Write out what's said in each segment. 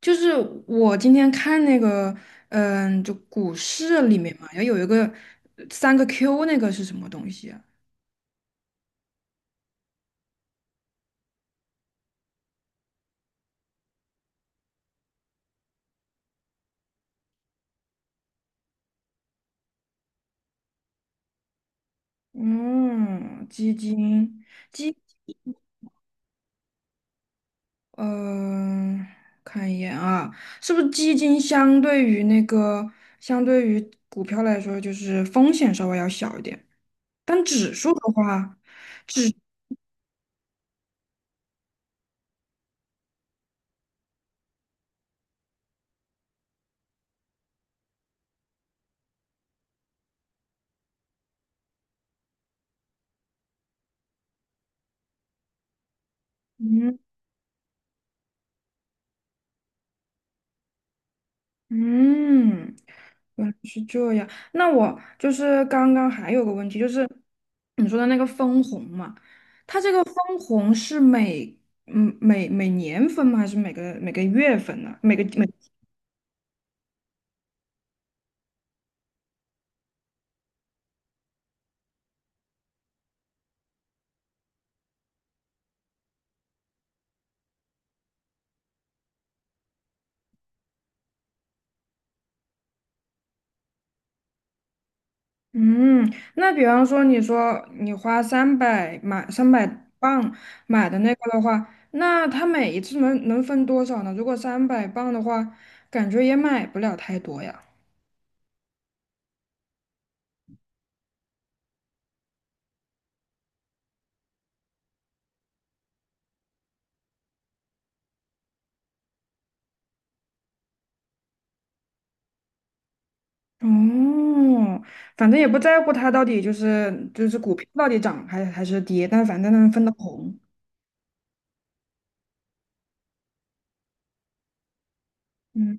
就是我今天看那个，就股市里面嘛，要有一个三个 Q，那个是什么东西啊？嗯，基金，基，嗯、看一眼啊，是不是基金相对于股票来说，就是风险稍微要小一点，但指数的话，指，嗯嗯，原来是这样。那我就是刚刚还有个问题，就是你说的那个分红嘛，它这个分红是每嗯每每年分吗？还是每个月分呢？每个每嗯，那比方说你说你花三百磅买的那个的话，那它每一次能分多少呢？如果三百磅的话，感觉也买不了太多呀。哦，反正也不在乎它到底就是股票到底涨还是跌，但反正它能分到红。嗯，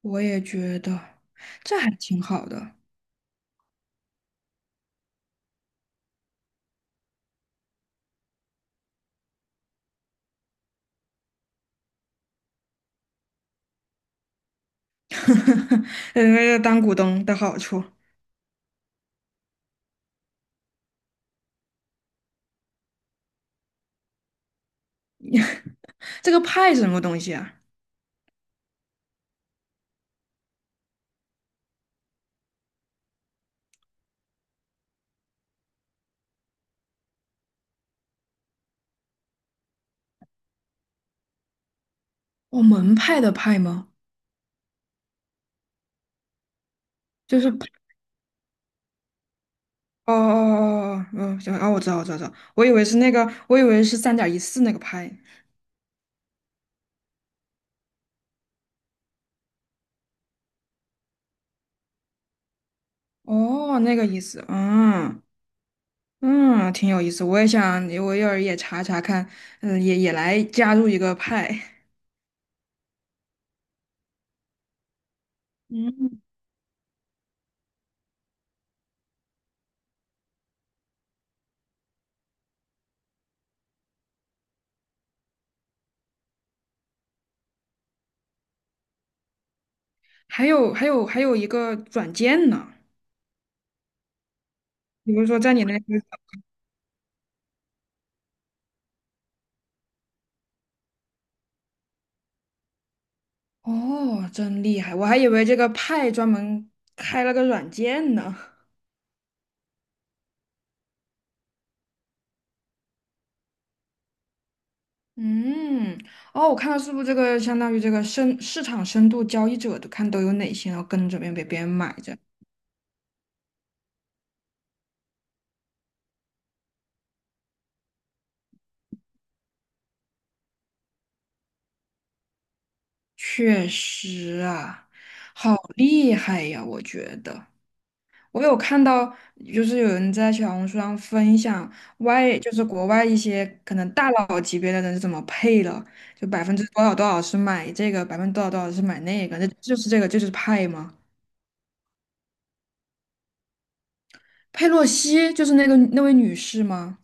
我也觉得这还挺好的，当股东的好处。这个派是什么东西啊？哦，门派的派吗？就是派哦哦哦哦哦，行哦，我知道我知道知道，我以为是那个，我以为是3.14那个派。哦，那个意思，嗯，嗯，挺有意思，我也想，我一会儿也查查看，嗯，也来加入一个派。嗯，还有一个软件呢，比如说在你那个，哦，真厉害，我还以为这个派专门开了个软件呢。嗯，哦，我看到是不是这个相当于这个深市场深度交易者的看都有哪些，然后跟着别人被别人买着，确实啊，好厉害呀，我觉得。我有看到，就是有人在小红书上分享就是国外一些可能大佬级别的人是怎么配的，就百分之多少多少是买这个，百分之多少多少是买那个，那就是这个，这就是派吗？佩洛西就是那位女士吗？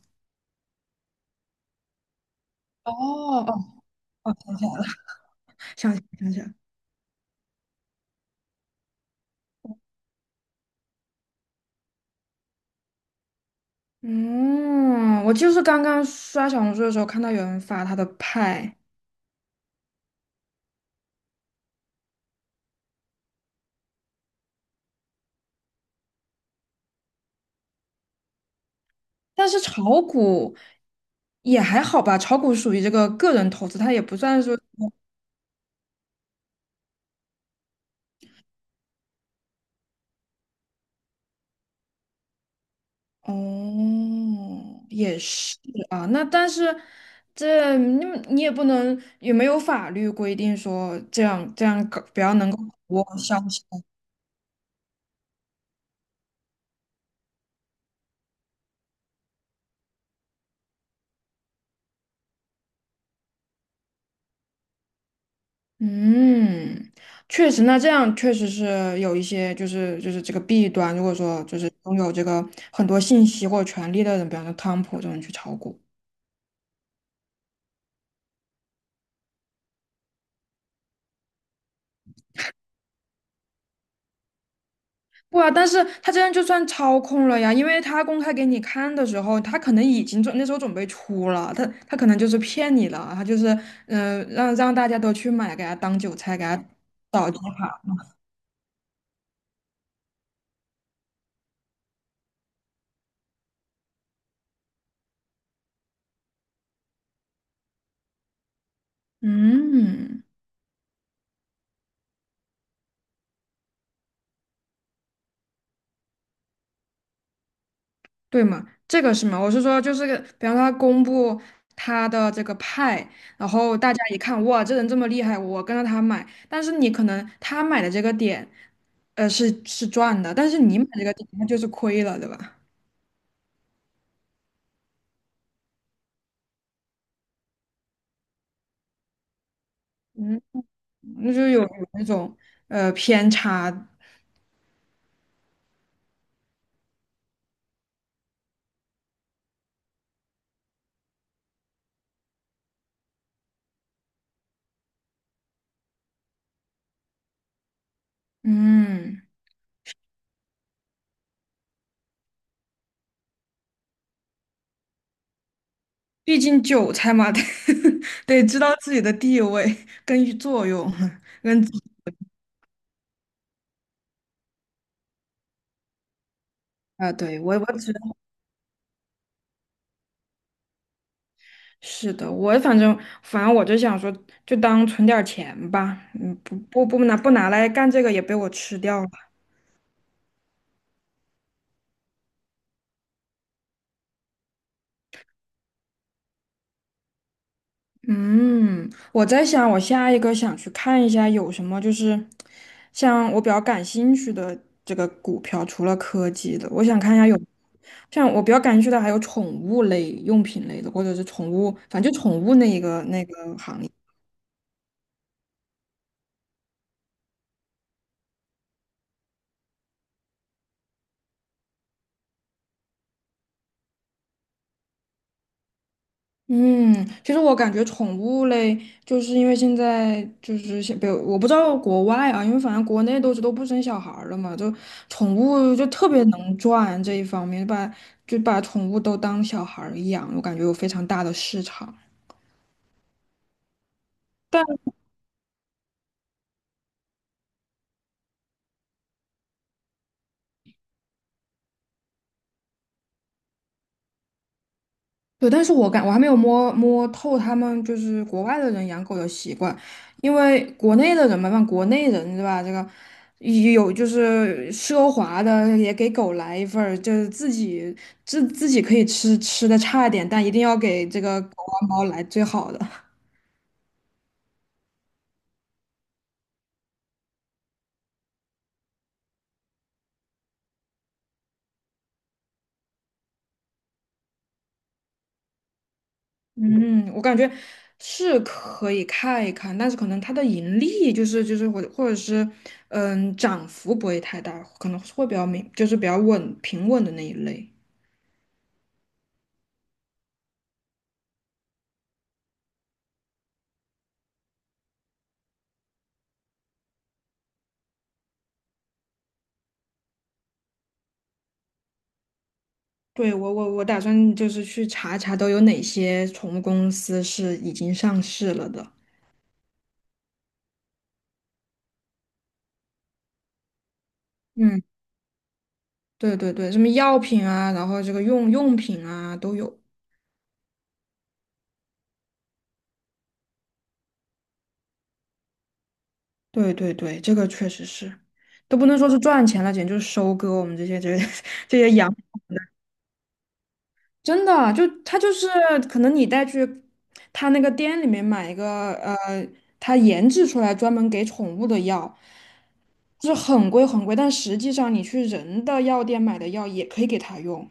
哦哦，想起来想起来，嗯，我就是刚刚刷小红书的时候看到有人发她的派，但是炒股也还好吧，炒股属于这个个人投资，它也不算说。哦，也是啊。那但是这你你也不能，也没有法律规定说这样这样搞不要能够我消息。嗯，确实，那这样确实是有一些就是这个弊端。如果说就是拥有这个很多信息或者权利的人，比方说汤普这种人去炒股。不啊，但是他这样就算操控了呀，因为他公开给你看的时候，他可能已经那时候准备出了，他可能就是骗你了，他就是让大家都去买，给他当韭菜，给他嗯，对嘛，这个是嘛，我是说就是个比方说他公布他的这个派，然后大家一看哇，这人这么厉害，我跟着他买，但是你可能他买的这个点是赚的，但是你买这个点他就是亏了，对吧？嗯。那就有那种偏差。嗯，毕竟韭菜嘛，得 得知道自己的地位跟作用，跟自己啊，对，我是的，我反正我就想说，就当存点儿钱吧，不拿来干这个也被我吃掉了。嗯，我在想，我下一个想去看一下有什么，就是像我比较感兴趣的这个股票，除了科技的，我想看一下有像我比较感兴趣的还有宠物类、用品类的，或者是宠物，反正就宠物那一个那个行业。嗯，其实我感觉宠物类，就是因为现在就是像，比如我不知道国外啊，因为反正国内都不生小孩儿了嘛，就宠物就特别能赚这一方面，把就把宠物都当小孩儿养，我感觉有非常大的市场。对，但是我还没有摸摸透他们就是国外的人养狗的习惯，因为国内的人嘛，像国内人对吧？这个也有就是奢华的，也给狗来一份儿，就是自己可以吃的差一点，但一定要给这个狗啊猫来最好的。嗯，我感觉是可以看一看，但是可能它的盈利就是或者是涨幅不会太大，可能会比较明就是比较稳平稳的那一类。对，我打算就是去查一查都有哪些宠物公司是已经上市了的。嗯，对对对，什么药品啊，然后这个用品啊都有。对对对，这个确实是，都不能说是赚钱了，简直就是收割我们这些这 这些养。真的，就它就是可能你带去它那个店里面买一个它研制出来专门给宠物的药，就是很贵很贵，但实际上你去人的药店买的药也可以给它用，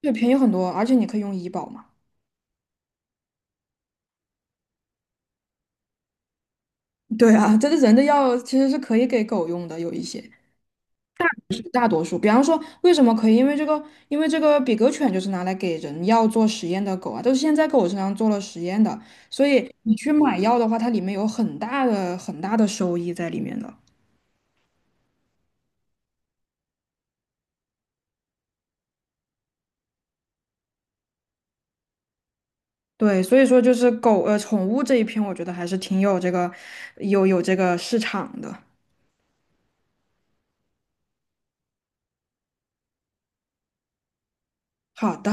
对，便宜很多，而且你可以用医保嘛。对啊，这个人的药其实是可以给狗用的，有一些。大多数，比方说，为什么可以？因为这个比格犬就是拿来给人药做实验的狗啊，都是现在狗身上做了实验的，所以你去买药的话，它里面有很大的很大的收益在里面的。对，所以说就是狗，宠物这一篇，我觉得还是挺有这个市场的。好的。